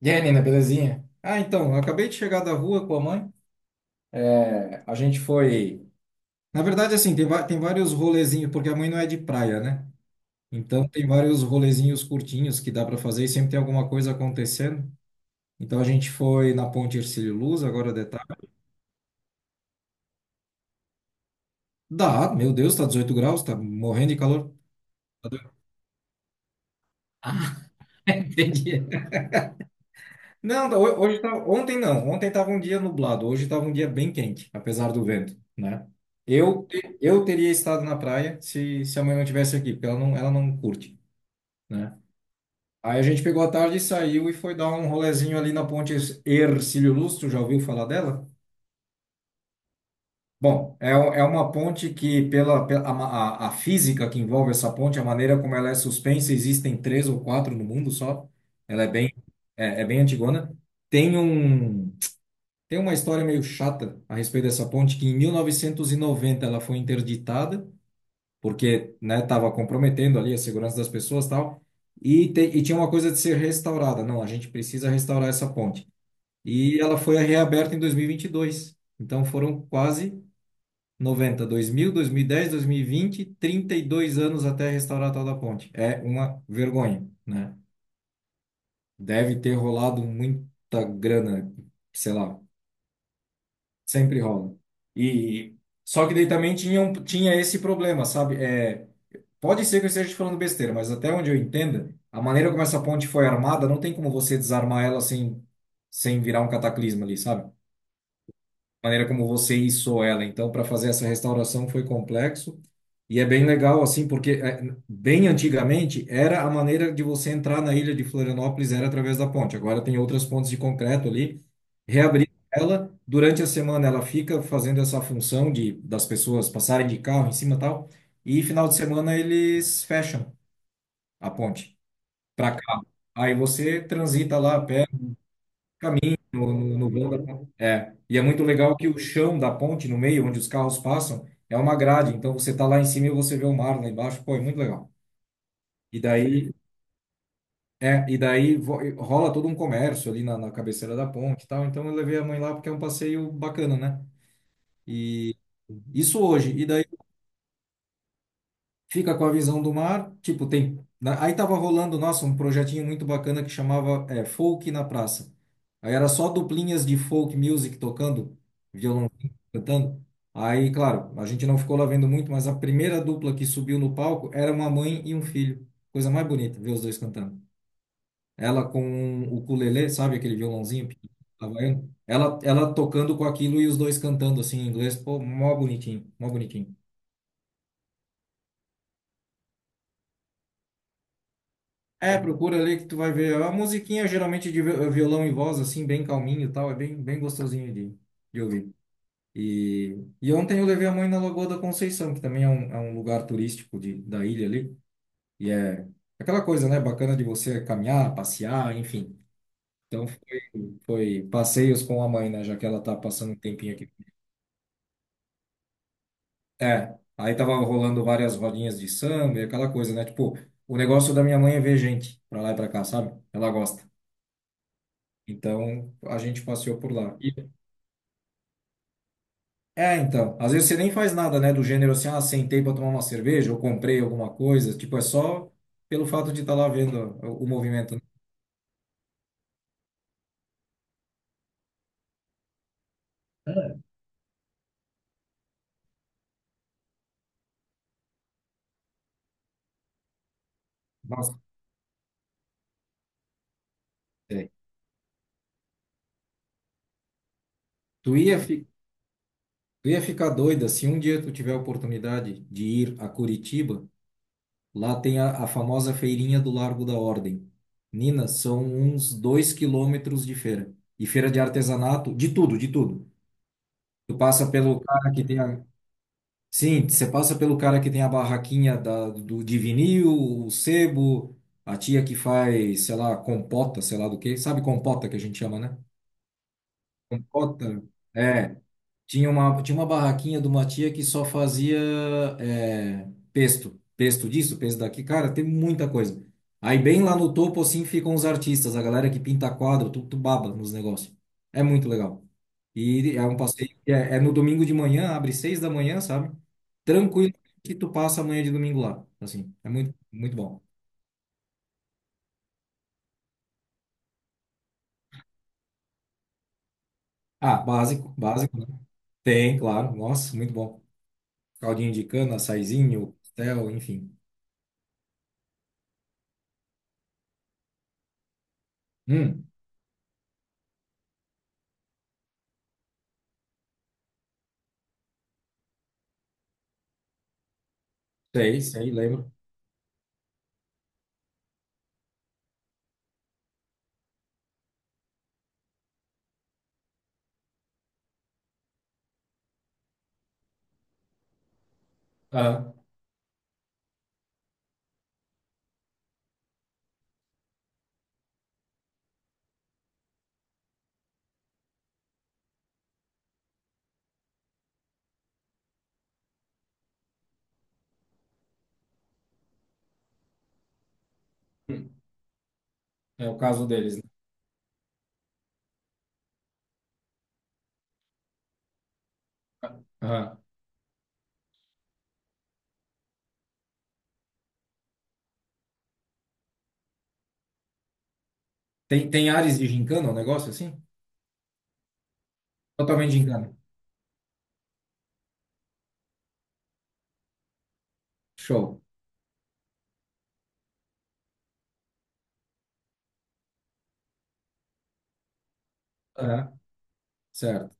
E aí, Nina, belezinha? Ah, então, eu acabei de chegar da rua com a mãe. É, a gente foi. Na verdade, assim, tem vários rolezinhos, porque a mãe não é de praia, né? Então, tem vários rolezinhos curtinhos que dá para fazer e sempre tem alguma coisa acontecendo. Então, a gente foi na Ponte Hercílio Luz, agora de tarde. Dá, meu Deus, tá 18 graus, tá morrendo de calor. Tá doido. Ah, entendi. Não, hoje tá, ontem não. Ontem tava um dia nublado. Hoje tava um dia bem quente, apesar do vento, né? Eu teria estado na praia se a mãe não tivesse aqui, porque ela não curte, né? Aí a gente pegou a tarde e saiu e foi dar um rolezinho ali na ponte Hercílio Luz. Tu já ouviu falar dela? Bom, é uma ponte que, a física que envolve essa ponte, a maneira como ela é suspensa, existem três ou quatro no mundo só. Ela é é bem antigona. Tem um. Tem uma história meio chata a respeito dessa ponte, que em 1990 ela foi interditada, porque, né, estava comprometendo ali a segurança das pessoas e tal, e tinha uma coisa de ser restaurada. Não, a gente precisa restaurar essa ponte. E ela foi reaberta em 2022. Então foram quase 90, 2000, 2010, 2020, 32 anos até restaurar a tal da ponte. É uma vergonha, né? Deve ter rolado muita grana, sei lá. Sempre rola. E só que daí também tinha esse problema, sabe? É, pode ser que eu esteja te falando besteira, mas até onde eu entenda, a maneira como essa ponte foi armada, não tem como você desarmar ela sem, sem virar um cataclisma ali, sabe? Maneira como você içou ela. Então, para fazer essa restauração foi complexo e é bem legal assim, porque é, bem antigamente era a maneira de você entrar na ilha de Florianópolis era através da ponte. Agora tem outras pontes de concreto ali. Reabrir ela durante a semana, ela fica fazendo essa função de das pessoas passarem de carro em cima e tal, e final de semana eles fecham a ponte para carro. Aí você transita lá a pé, caminho no vão da ponte. É, e é muito legal que o chão da ponte, no meio, onde os carros passam, é uma grade. Então você tá lá em cima e você vê o mar lá embaixo. Pô, é muito legal. E daí, é, rola todo um comércio ali na cabeceira da ponte e tal. Então eu levei a mãe lá porque é um passeio bacana, né? E isso hoje. E daí fica com a visão do mar, tipo, tem. Aí tava rolando, nossa, um projetinho muito bacana que chamava é, Folk na Praça. Aí era só duplinhas de folk music tocando, violão cantando. Aí, claro, a gente não ficou lá vendo muito, mas a primeira dupla que subiu no palco era uma mãe e um filho. Coisa mais bonita, ver os dois cantando. Ela com o ukulele, sabe aquele violãozinho pequeno, havaiano? Ela tocando com aquilo e os dois cantando assim em inglês. Pô, mó bonitinho, mó bonitinho. É, procura ali que tu vai ver. É uma musiquinha geralmente de violão e voz, assim, bem calminho e tal. É bem, bem gostosinho de ouvir. E ontem eu levei a mãe na Lagoa da Conceição, que também é um lugar turístico de, da ilha ali. E é aquela coisa, né? Bacana de você caminhar, passear, enfim. Então foi, foi passeios com a mãe, né? Já que ela tá passando um tempinho aqui. É, aí tava rolando várias rodinhas de samba e aquela coisa, né? Tipo, o negócio da minha mãe é ver gente pra lá e pra cá, sabe? Ela gosta. Então, a gente passeou por lá. E- É, então, às vezes você nem faz nada, né, do gênero assim, ah, sentei para tomar uma cerveja ou comprei alguma coisa, tipo, é só pelo fato de estar lá vendo o movimento. É. Nossa, é. Tu ia, fi- tu ia ficar doida se um dia tu tiver a oportunidade de ir a Curitiba, lá tem a famosa feirinha do Largo da Ordem. Nina, são uns 2 quilômetros de feira. E feira de artesanato, de tudo, de tudo. Tu passa pelo cara que tem a. Sim, você passa pelo cara que tem a barraquinha de vinil, o sebo, a tia que faz, sei lá, compota, sei lá do que. Sabe compota que a gente chama, né? Compota. É. Tinha uma barraquinha de uma tia que só fazia é, pesto. Pesto disso, pesto daqui. Cara, tem muita coisa. Aí bem lá no topo, assim, ficam os artistas, a galera que pinta quadro, tu baba nos negócios. É muito legal. E é um passeio que é no domingo de manhã, abre 6 da manhã, sabe? Tranquilo que tu passa a manhã de domingo lá. Assim, é muito, muito bom. Ah, básico, básico. Né? Tem, claro. Nossa, muito bom. Caldinho de cana, açaizinho, pastel, enfim. Hum, sei, sei, lembro. Aham. É o caso deles, né? Aham. Tem, tem ares de gincana, um negócio assim? Totalmente gincana. Show. Aham. Certo.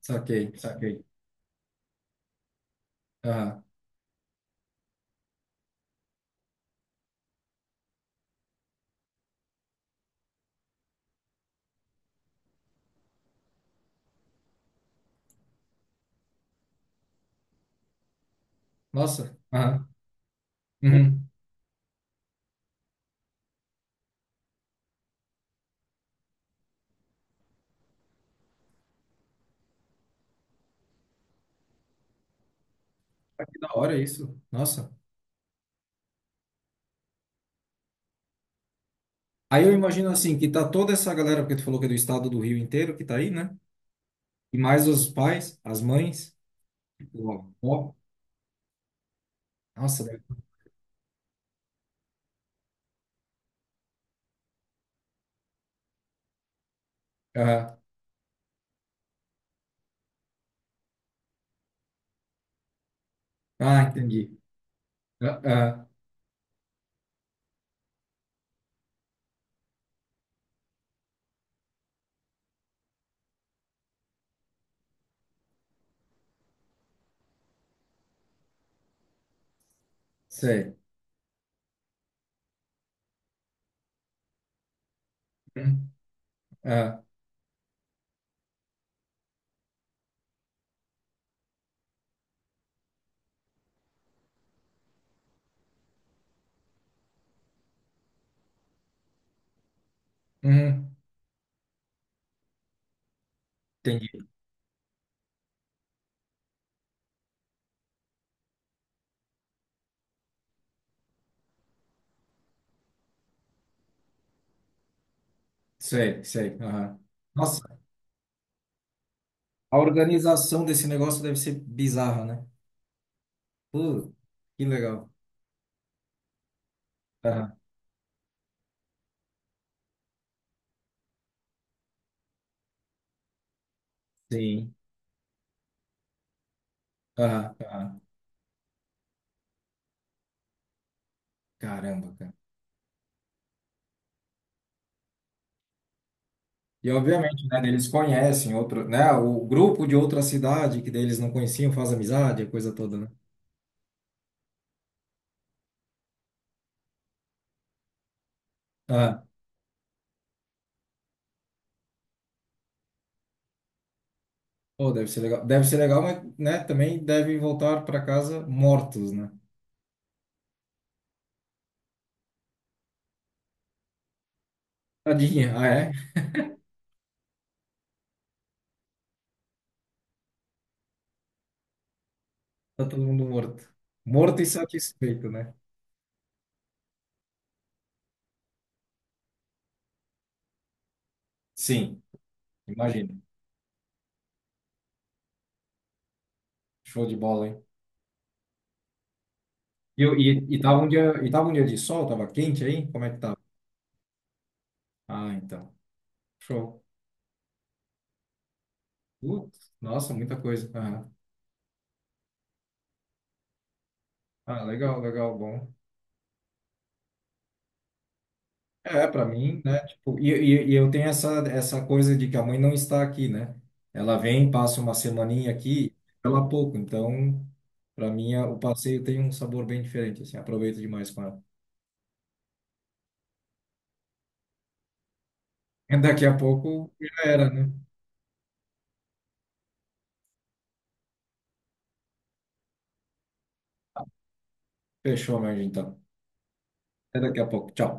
Saquei, saquei. Aham. Nossa. Aham. Uhum. Que da hora isso. Nossa. Aí eu imagino assim, que tá toda essa galera, porque tu falou que é do estado do Rio inteiro, que tá aí, né? E mais os pais, as mães, o avô. Nossa. Deve- Aham. Ah, entendi. Ah, ah. Sei. Uhum. Ah. Uhum. Entendi. Sei, sei. Aham. Nossa. A organização desse negócio deve ser bizarra, né? Pô, que legal. Aham, sim. Aham, aham. Caramba, cara. E obviamente, né, eles conhecem outro, né, o grupo de outra cidade que daí eles não conheciam, faz amizade, a coisa toda, né? Ah, pô, deve ser legal. Deve ser legal, mas, né, também devem voltar para casa mortos, né? Tadinha, ah, é? Tá todo mundo morto. Morto e satisfeito, né? Sim, imagina. Show de bola, hein? E tava um dia, e tava um dia de sol, tava quente aí? Como é que tava? Ah, então. Show. Putz, nossa, muita coisa. Aham. Ah, legal, legal, bom. É, pra mim, né? Tipo, e eu tenho essa coisa de que a mãe não está aqui, né? Ela vem, passa uma semaninha aqui, ela pouco. Então, pra mim, o passeio tem um sabor bem diferente, assim, aproveito demais com ela. Daqui a pouco já era, né? Fechou, mas então. Até daqui a pouco. Tchau.